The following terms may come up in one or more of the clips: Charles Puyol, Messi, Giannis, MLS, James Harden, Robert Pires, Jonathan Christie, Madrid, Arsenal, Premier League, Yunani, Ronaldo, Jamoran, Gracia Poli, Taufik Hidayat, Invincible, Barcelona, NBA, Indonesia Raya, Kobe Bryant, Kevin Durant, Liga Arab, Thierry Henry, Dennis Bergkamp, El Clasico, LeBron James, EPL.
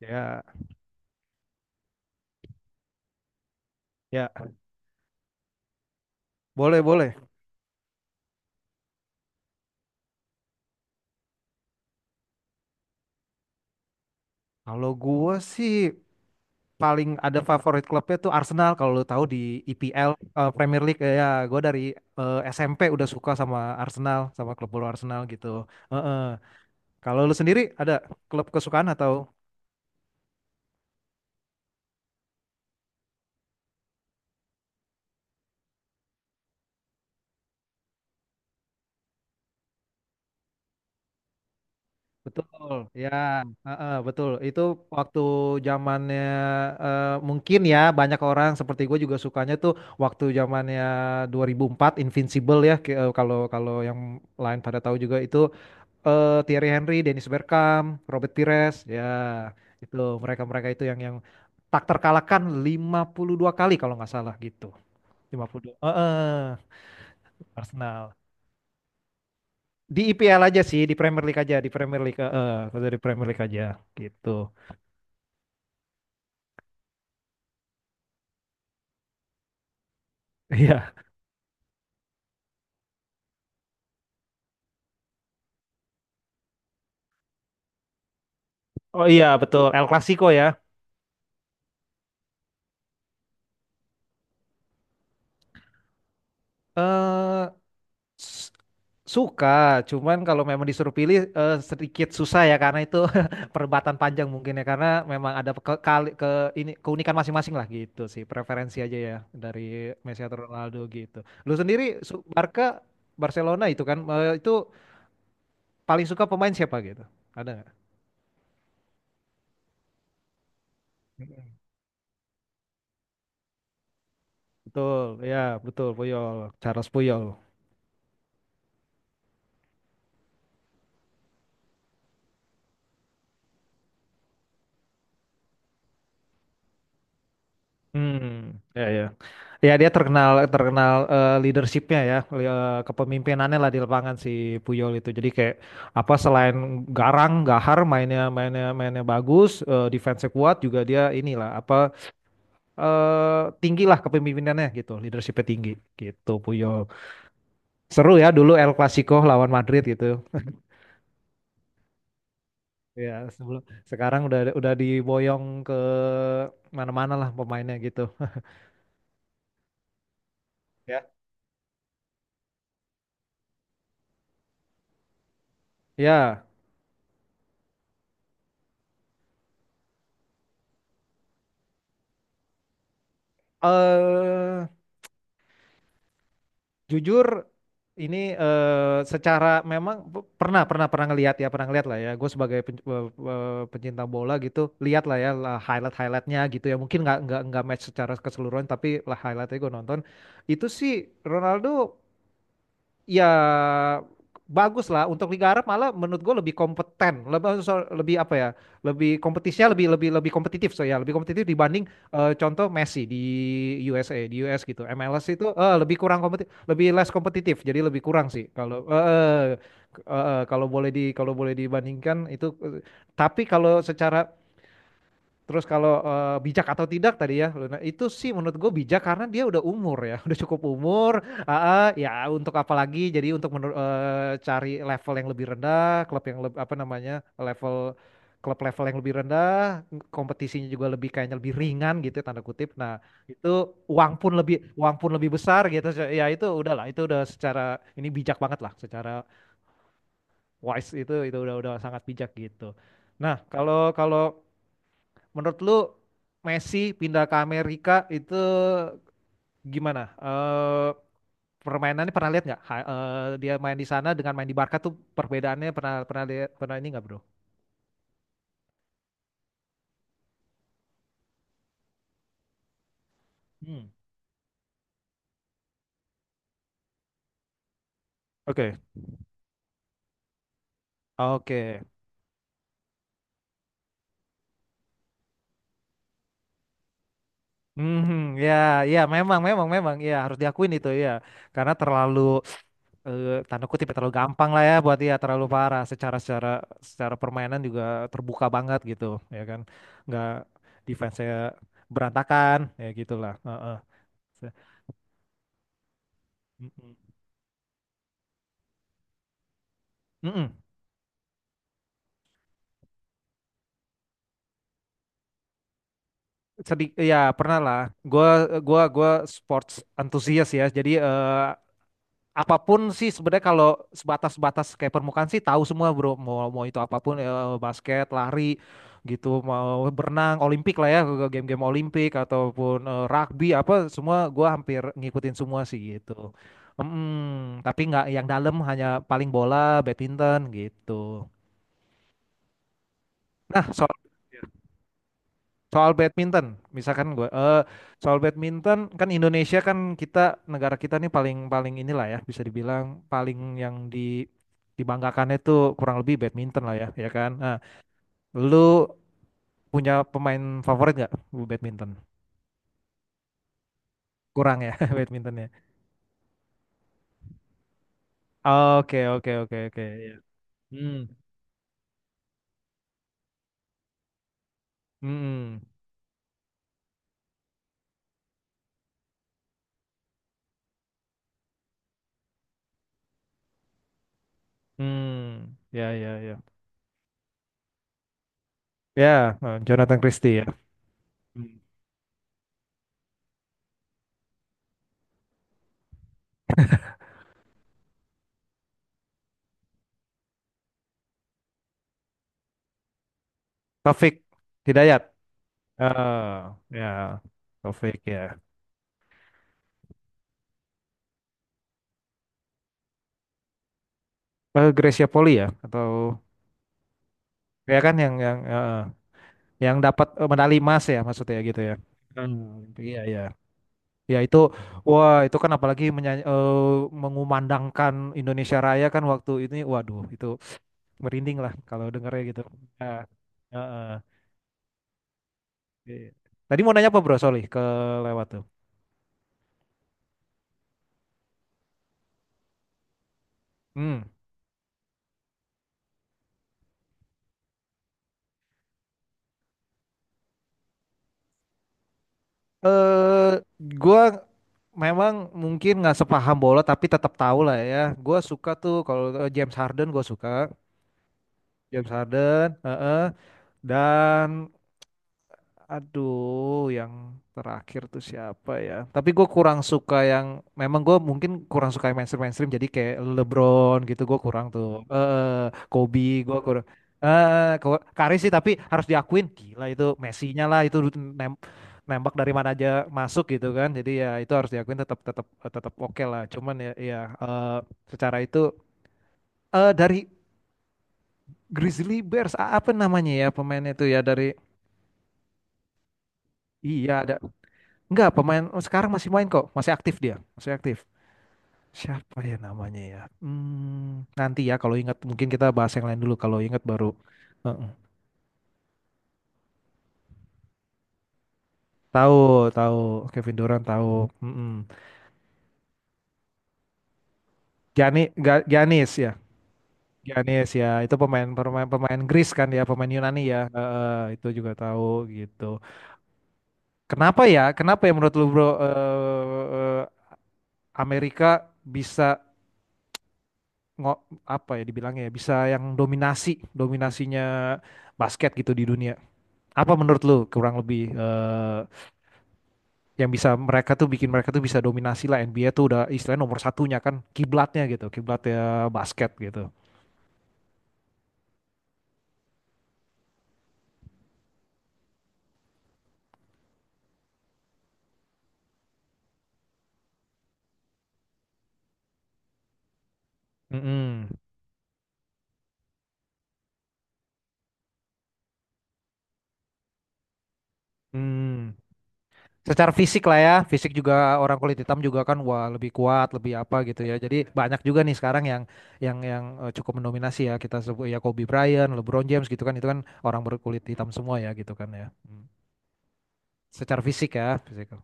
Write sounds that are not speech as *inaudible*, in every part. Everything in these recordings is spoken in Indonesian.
Ya, ya, boleh, boleh. Kalau gua sih paling ada favorit klubnya tuh Arsenal. Kalau lu tahu di EPL Premier League ya, gua dari SMP udah suka sama Arsenal, sama klub bola Arsenal gitu. Heeh. Kalau lu sendiri ada klub kesukaan atau. Betul, ya, heeh, betul. Itu waktu zamannya mungkin ya banyak orang seperti gue juga sukanya tuh waktu zamannya 2004 Invincible ya. Kalau kalau yang lain pada tahu juga itu Thierry Henry, Dennis Bergkamp, Robert Pires, ya itu mereka-mereka itu yang tak terkalahkan 52 kali kalau nggak salah gitu. 52. Heeh, Arsenal. Di IPL aja sih, di Premier League aja, di Premier League, heeh, kalau dari Premier League aja gitu. Iya. Oh iya, betul. El Clasico ya. Eh S- Suka, cuman kalau memang disuruh pilih sedikit susah ya karena itu *laughs* perdebatan panjang mungkin ya karena memang ada ke, kali- ke ini keunikan masing-masing lah gitu sih preferensi aja ya dari Messi atau Ronaldo gitu. Barca Barcelona itu kan itu paling suka pemain siapa gitu? Ada nggak? Betul, ya betul Puyol, Charles Puyol. Hmm, ya ya. Ya dia terkenal terkenal leadership-nya ya kepemimpinannya lah di lapangan si Puyol itu. Jadi kayak apa selain garang, gahar mainnya mainnya mainnya bagus, defense-nya kuat juga dia inilah apa tinggi lah kepemimpinannya gitu, leadership-nya tinggi gitu Puyol. Seru ya dulu El Clasico lawan Madrid gitu. Ya sebelum sekarang udah diboyong ke mana-mana lah pemainnya gitu. Ya. Ya, eh jujur ini secara memang p- pernah pernah pernah ngelihat ya pernah ngelihat lah ya gue sebagai pencinta bola gitu lihat lah ya lah highlight-nya gitu ya mungkin nggak match secara keseluruhan tapi lah highlight-nya gue nonton itu sih Ronaldo ya bagus lah untuk Liga Arab malah menurut gue lebih kompeten lebih lebih apa ya lebih kompetisinya lebih lebih lebih kompetitif so ya lebih kompetitif dibanding contoh Messi di USA di US gitu MLS itu lebih kurang kompetitif lebih less kompetitif jadi lebih kurang sih kalau eh, eh, eh, eh, kalau boleh di kalau boleh dibandingkan itu tapi kalau secara. Terus kalau bijak atau tidak tadi ya, Luna, itu sih menurut gue bijak karena dia udah umur ya, *laughs* udah cukup umur. Ah, ah, ya untuk apa lagi? Jadi untuk cari level yang lebih rendah, klub yang apa namanya level klub level yang lebih rendah, kompetisinya juga lebih kayaknya lebih ringan gitu ya, tanda kutip. Nah itu uang pun lebih besar gitu. Ya itu udahlah, itu udah secara ini bijak banget lah, secara wise itu udah sangat bijak gitu. Nah kalau kalau menurut lu Messi pindah ke Amerika itu gimana? Permainannya pernah lihat nggak? Dia main di sana dengan main di Barca tuh perbedaannya pernah pernah lihat pernah ini nggak bro? Hmm. Oke, oke. Hmm, ya, ya, memang, memang, memang, ya harus diakuin itu ya, karena terlalu, tanda kutip ya, terlalu gampang lah ya buat dia, terlalu parah secara secara secara permainan juga terbuka banget gitu, ya kan, nggak defense saya berantakan, ya gitulah. Heeh. Mm-mm. Mm-mm. Ya pernah lah. Gua gua sports antusias ya. Jadi apapun sih sebenarnya kalau sebatas-batas kayak permukaan sih tahu semua bro. Mau mau itu apapun basket, lari gitu, mau berenang, olimpik lah ya, game-game olimpik ataupun rugby apa semua gua hampir ngikutin semua sih gitu. Tapi nggak yang dalam hanya paling bola, badminton gitu. Nah, soal Soal badminton, misalkan gue, soal badminton kan Indonesia kan kita negara kita nih paling paling inilah ya bisa dibilang paling yang di dibanggakannya itu kurang lebih badminton lah ya, ya kan. Nah, lu punya pemain favorit nggak bu badminton? Kurang ya *laughs* badmintonnya. Oke oke oke oke. Ya. Hmm, hmm, hmm, ya, ya, ya, ya, Jonathan Christie ya. Hmm. Taufik Hidayat. eh Ya Taufik ya. Gracia Poli ya atau ya kan yang dapat medali emas ya maksudnya gitu ya. Hmm, iya iya. Ya itu wah itu kan apalagi menyanyi, mengumandangkan Indonesia Raya kan waktu ini waduh itu merinding lah kalau dengarnya gitu. Ah, ah, ah. Iya. Tadi mau nanya apa Bro Soli ke lewat tuh. Hmm. Eh gua memang mungkin nggak sepaham bola tapi tetap tahu lah ya. Gua suka tuh kalau James Harden gua suka. James Harden, heeh. Dan aduh yang terakhir tuh siapa ya? Tapi gue kurang suka yang memang gue mungkin kurang suka yang mainstream mainstream. Jadi kayak LeBron gitu gue kurang tuh. Eh Kobe gue kurang. Kari sih tapi harus diakuin gila itu Messi-nya lah itu nem- nembak dari mana aja masuk gitu kan. Jadi ya itu harus diakuin tetap tetap tetap oke lah. Cuman ya ya eh, secara itu dari Grizzly Bears apa namanya ya pemainnya itu ya dari. Iya ada. Enggak, pemain sekarang masih main kok, masih aktif dia, masih aktif. Siapa ya namanya ya? Hmm, nanti ya kalau ingat mungkin kita bahas yang lain dulu kalau ingat baru. Heeh. Tahu, tahu Kevin Durant tahu. Mm-mm. Gianni, Giannis ya. Giannis ya, itu pemain pemain pemain Greece kan ya, pemain Yunani ya. Heeh, itu juga tahu gitu. Kenapa ya? Kenapa ya menurut lu bro eh, Amerika bisa ngo- apa ya dibilangnya ya bisa yang dominasinya basket gitu di dunia. Apa menurut lu kurang lebih yang bisa mereka tuh bikin mereka tuh bisa dominasi lah NBA tuh udah istilahnya nomor satunya kan kiblatnya gitu, kiblatnya basket gitu. Mm-mm. Hmm. Secara fisik lah ya, fisik juga orang kulit hitam juga kan wah lebih kuat, lebih apa gitu ya. Jadi banyak juga nih sekarang yang cukup mendominasi ya kita sebut ya Kobe Bryant, LeBron James gitu kan itu kan orang berkulit hitam semua ya gitu kan ya. Hmm. Secara fisik ya, physical.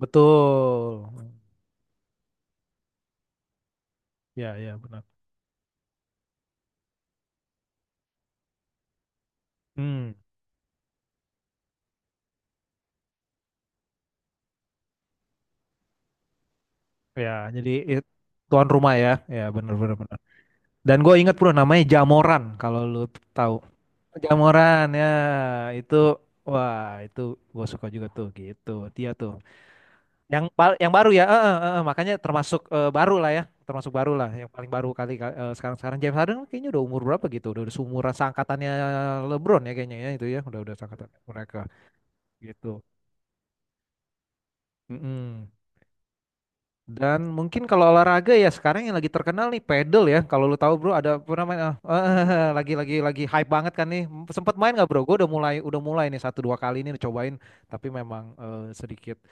Betul. Ya, ya, benar. Hmm, ya, jadi tuan rumah ya. Ya, benar, benar, benar. Dan gue ingat bro, namanya Jamoran kalau lu tahu. Jamoran ya, itu wah, itu gue suka juga tuh gitu. Dia tuh yang yang baru ya, makanya termasuk baru lah ya, termasuk baru lah, yang paling baru kali kali- eh, sekarang-sekarang James Harden kayaknya udah umur berapa gitu, udah seumuran seangkatannya LeBron ya kayaknya ya itu ya, udah seangkatan mereka gitu. Mm-mm. Dan mungkin kalau olahraga ya sekarang yang lagi terkenal nih pedal ya. Kalau lu tahu bro ada pernah main ah, ah, lagi hype banget kan nih. Sempet main nggak bro? Gue udah mulai nih satu dua kali ini cobain. Tapi memang sedikit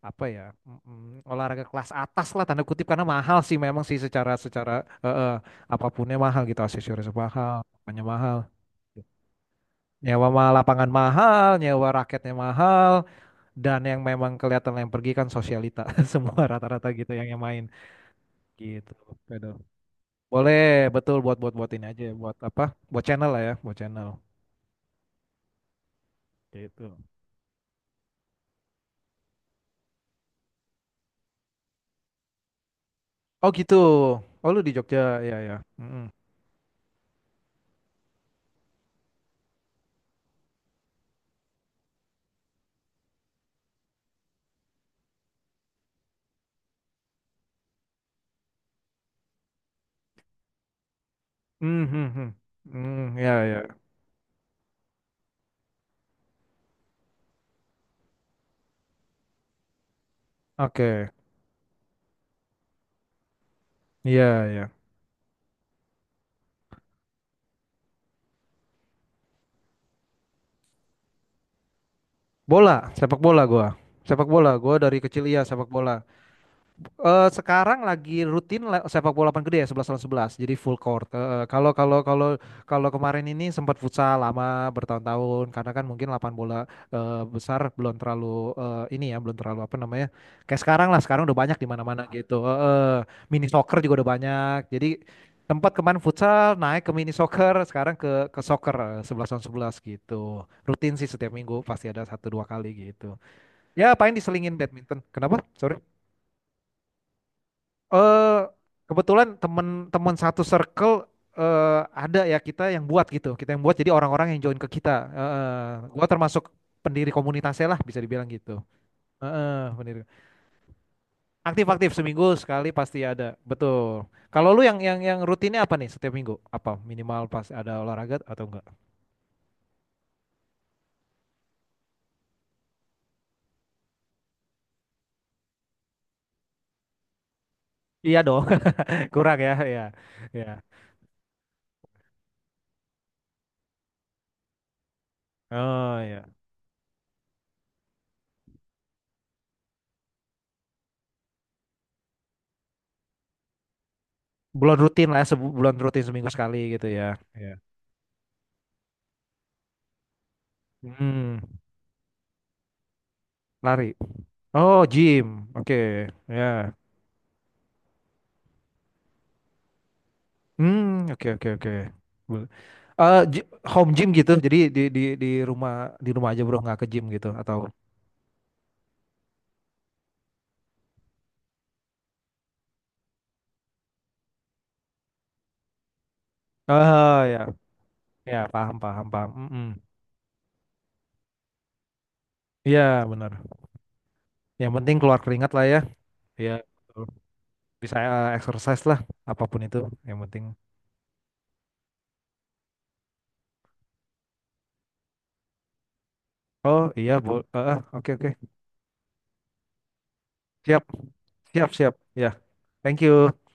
apa ya olahraga kelas atas lah tanda kutip karena mahal sih memang sih secara secara eh, eh, apapunnya mahal gitu aksesoris mahal, apanya mahal. Nyewa lapangan mahal, nyewa raketnya mahal, dan yang memang kelihatan yang pergi kan sosialita *laughs* semua rata-rata gitu yang main. Gitu. Pedal. Boleh, betul buat buat buat ini aja, ya, buat apa? Buat channel lah ya, buat channel. Gitu. Oh gitu. Oh lu di Jogja, ya ya. Hmm, hmm, hmm. Hmm, ya ya. Oke. Iya ya. Bola, sepak bola gua. Sepak bola, gua dari kecil iya sepak bola. Sekarang lagi rutin sepak bola lapangan gede ya 11 lawan 11 jadi full court. Eh, eh, kalau kalau kalau kalau kemarin ini sempat futsal lama bertahun-tahun karena kan mungkin lapangan bola besar belum terlalu ini ya belum terlalu apa namanya kayak sekarang lah sekarang udah banyak di mana-mana gitu. Mini soccer juga udah banyak. Jadi tempat kemarin futsal naik ke mini soccer sekarang ke soccer 11 lawan 11 gitu. Rutin sih setiap minggu pasti ada satu dua kali gitu. Ya paling diselingin badminton. Kenapa? Sorry. Eh kebetulan teman-teman satu circle ada ya kita yang buat gitu, kita yang buat jadi orang-orang yang join ke kita. Gua termasuk pendiri komunitasnya lah bisa dibilang gitu. Heeh, pendiri. Aktif-aktif seminggu sekali pasti ada, betul. Kalau lu yang rutinnya apa nih setiap minggu? Apa minimal pas ada olahraga atau enggak? Iya dong, *laughs* kurang ya, ya, ya. Oh ya, bulan rutin lah, ya, sebulan rutin seminggu sekali gitu ya. Ya. Hmm, lari. Oh, gym. Oke, ya. Hmm, oke, oke, oke. Boleh. Home gym gitu. Jadi di rumah di rumah aja bro, nggak ke gym gitu atau? Ah, ya, ya paham, paham, paham. Mm-mm. Iya, benar. Yang penting keluar keringat lah ya. Iya, betul. Bisa exercise lah, apapun itu. Yang penting. Oh iya, oke, oke. Siap, siap, siap. Ya, thank you.